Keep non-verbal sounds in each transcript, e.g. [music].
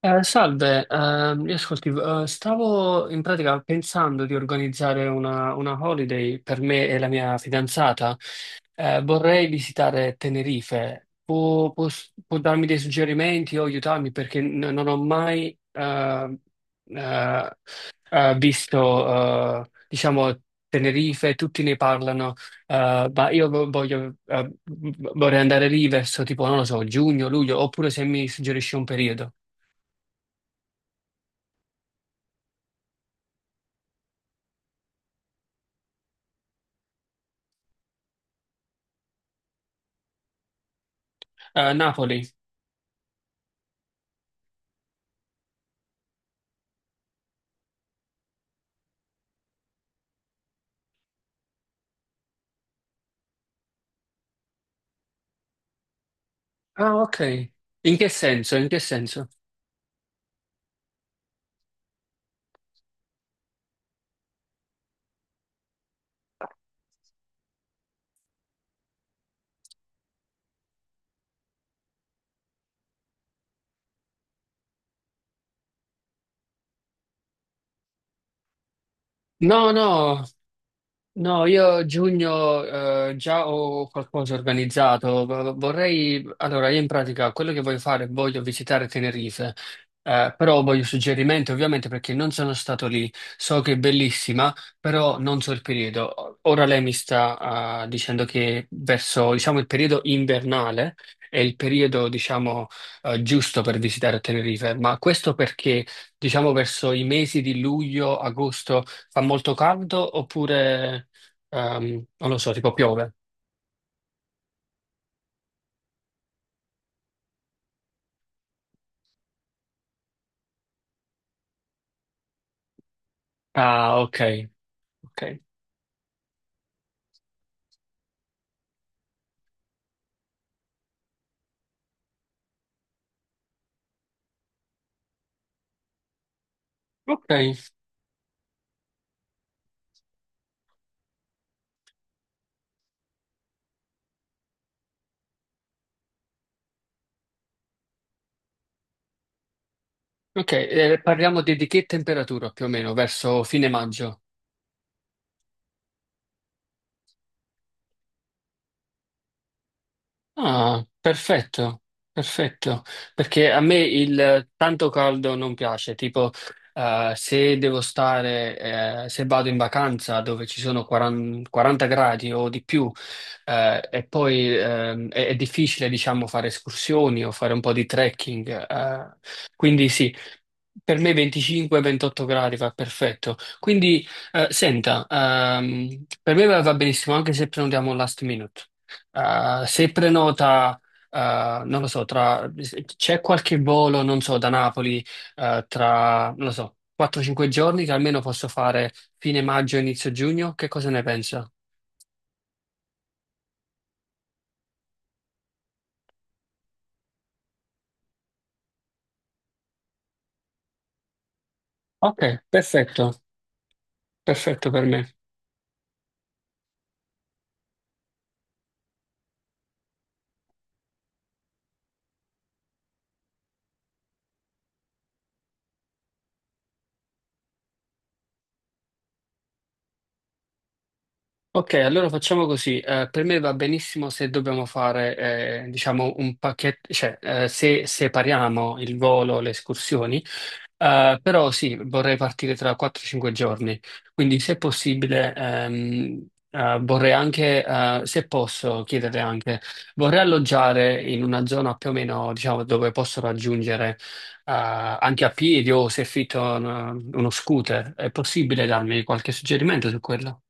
Salve, io ascolti, stavo in pratica pensando di organizzare una holiday per me e la mia fidanzata. Vorrei visitare Tenerife. Può darmi dei suggerimenti o aiutarmi perché non ho mai eh, visto, diciamo, Tenerife, tutti ne parlano, ma io voglio, vorrei andare lì verso tipo, non lo so, giugno, luglio, oppure se mi suggerisci un periodo. Napoli. Ah, ok. In che senso? In che senso? No, no, no, io giugno già ho qualcosa organizzato. Vorrei, allora, io in pratica quello che voglio fare, voglio visitare Tenerife, però voglio suggerimenti ovviamente perché non sono stato lì. So che è bellissima, però non so il periodo. Ora lei mi sta dicendo che verso, diciamo, il periodo invernale è il periodo, diciamo, giusto per visitare Tenerife, ma questo perché, diciamo, verso i mesi di luglio, agosto fa molto caldo oppure. Non lo so, tipo piove. Ah, ok, ok, ok, ok. Parliamo di che temperatura più o meno, verso fine maggio. Ah, perfetto, perfetto, perché a me il tanto caldo non piace, tipo se devo stare, se vado in vacanza dove ci sono 40, 40 gradi o di più e poi è difficile, diciamo, fare escursioni o fare un po' di trekking, quindi sì, per me 25-28 gradi va perfetto. Quindi, senta, per me va benissimo anche se prenotiamo last minute. Se prenota, non lo so, tra, c'è qualche volo, non so, da Napoli, tra, non lo so, 4-5 giorni che almeno posso fare fine maggio, inizio giugno, che cosa ne pensa? Ok, perfetto, perfetto per me. Ok, allora facciamo così. Per me va benissimo se dobbiamo fare, diciamo, un pacchetto, cioè, se separiamo il volo, le escursioni, però sì, vorrei partire tra 4-5 giorni. Quindi, se possibile, vorrei anche, se posso chiedere anche, vorrei alloggiare in una zona più o meno, diciamo, dove posso raggiungere, anche a piedi o se affitto uno scooter. È possibile darmi qualche suggerimento su quello?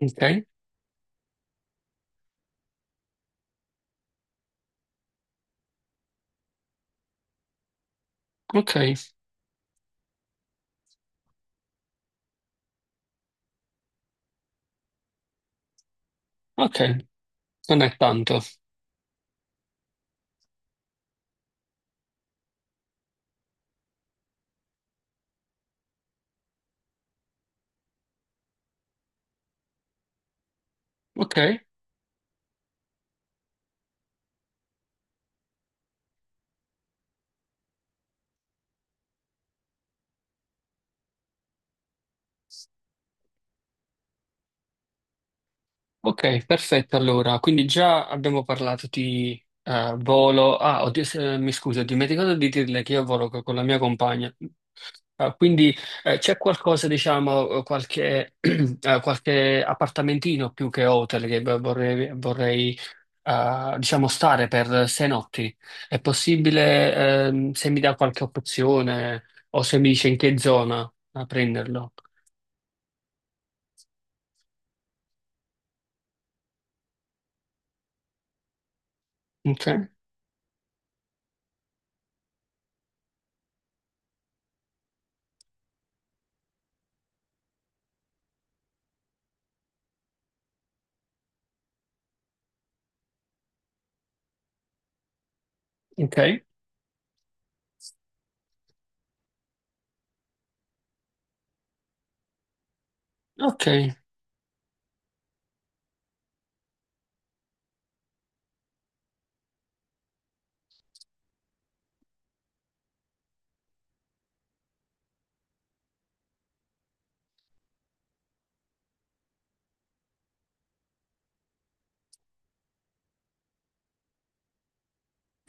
Ok? Ok, ok, non è tanto. Ok, ok, perfetto. Allora, quindi già abbiamo parlato di volo. Ah, oddio, mi scuso, ho dimenticato di dirle che io volo con la mia compagna. Ah, quindi c'è qualcosa, diciamo, qualche, [clears throat] qualche appartamentino più che hotel che vorrei diciamo, stare per 6 notti. È possibile, se mi dà qualche opzione o se mi dice in che zona a prenderlo? Ok. Ok, ok,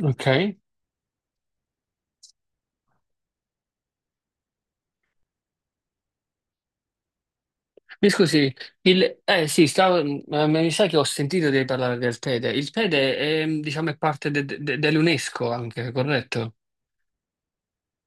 ok. Mi scusi, eh sì, ma mi sa che ho sentito di parlare del TEDE. Il TEDE è, diciamo, è parte dell'UNESCO anche, corretto?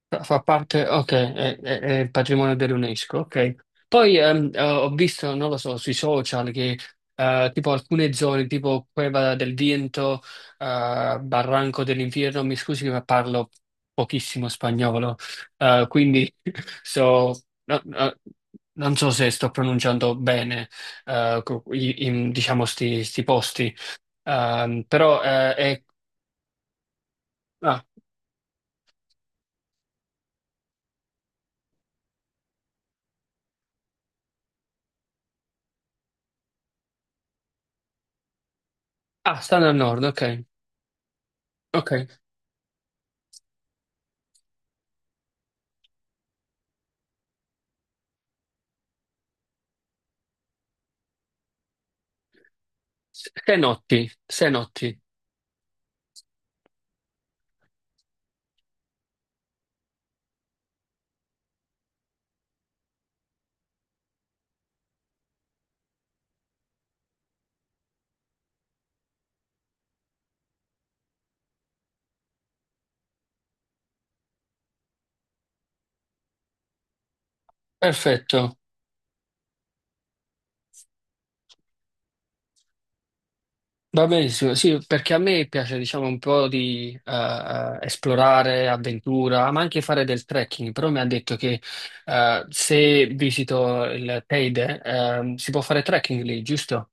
Fa parte, ok, è patrimonio dell'UNESCO, ok. Poi ho visto, non lo so, sui social che tipo alcune zone, tipo Cueva del Viento, Barranco dell'Inferno, mi scusi ma parlo pochissimo spagnolo, quindi [laughs] so, no- no- non so se sto pronunciando bene, diciamo, sti posti. Però è. Ah, ah, stanno al nord, ok, ok. 6 notti, 6 notti, perfetto, va benissimo, sì, perché a me piace diciamo un po' di esplorare, avventura, ma anche fare del trekking, però mi ha detto che se visito il Teide si può fare trekking lì, giusto?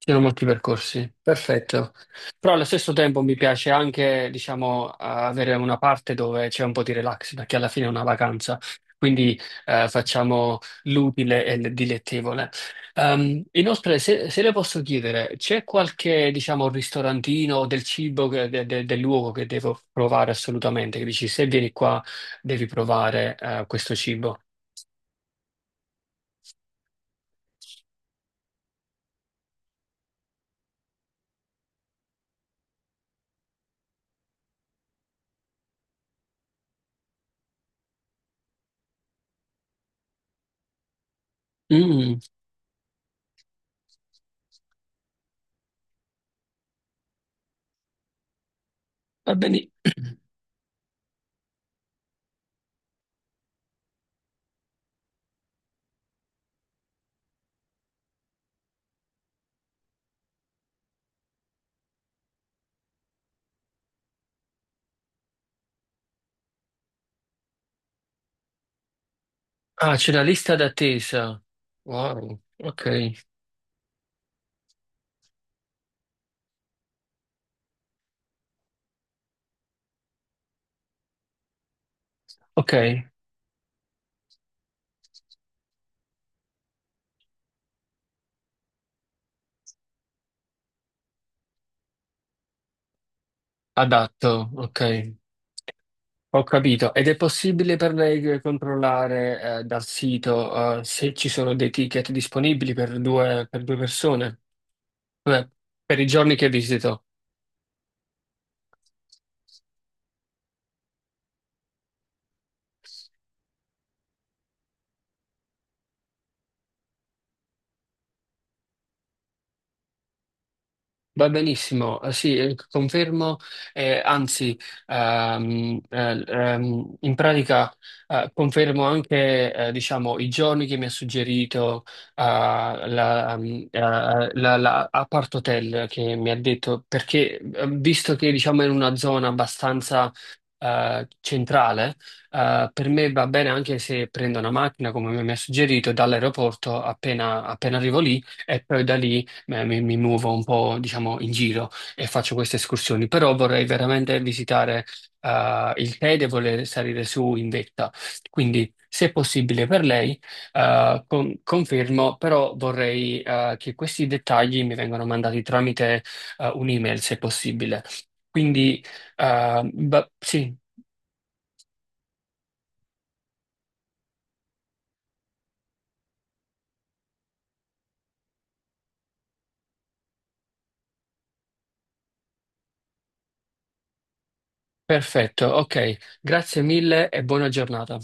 Ci sono molti percorsi, perfetto. Però allo stesso tempo mi piace anche, diciamo, avere una parte dove c'è un po' di relax, perché alla fine è una vacanza, quindi facciamo l'utile e il dilettevole. Inoltre, se le posso chiedere, c'è qualche, diciamo, ristorantino o del cibo, del luogo che devo provare assolutamente? Che dici, se vieni qua devi provare questo cibo. Mm, va bene. [clears throat] Ah, c'è la lista d'attesa. Wow, ok. Ok, adatto, ok, ho capito. Ed è possibile per lei controllare dal sito se ci sono dei ticket disponibili per due persone, cioè, per i giorni che visito. Va benissimo, sì, confermo, anzi, in pratica confermo anche diciamo, i giorni che mi ha suggerito eh, la, ehm, eh, la Apart Hotel che mi ha detto, perché visto che diciamo, è in una zona abbastanza centrale, per me va bene anche se prendo una macchina, come mi ha suggerito, dall'aeroporto appena appena arrivo lì e poi da lì mi muovo un po', diciamo, in giro e faccio queste escursioni, però vorrei veramente visitare il Tede e voler salire su in vetta. Quindi, se possibile per lei, confermo, però vorrei che questi dettagli mi vengano mandati tramite un'email, se possibile. Quindi, sì, perfetto, ok, grazie mille e buona giornata.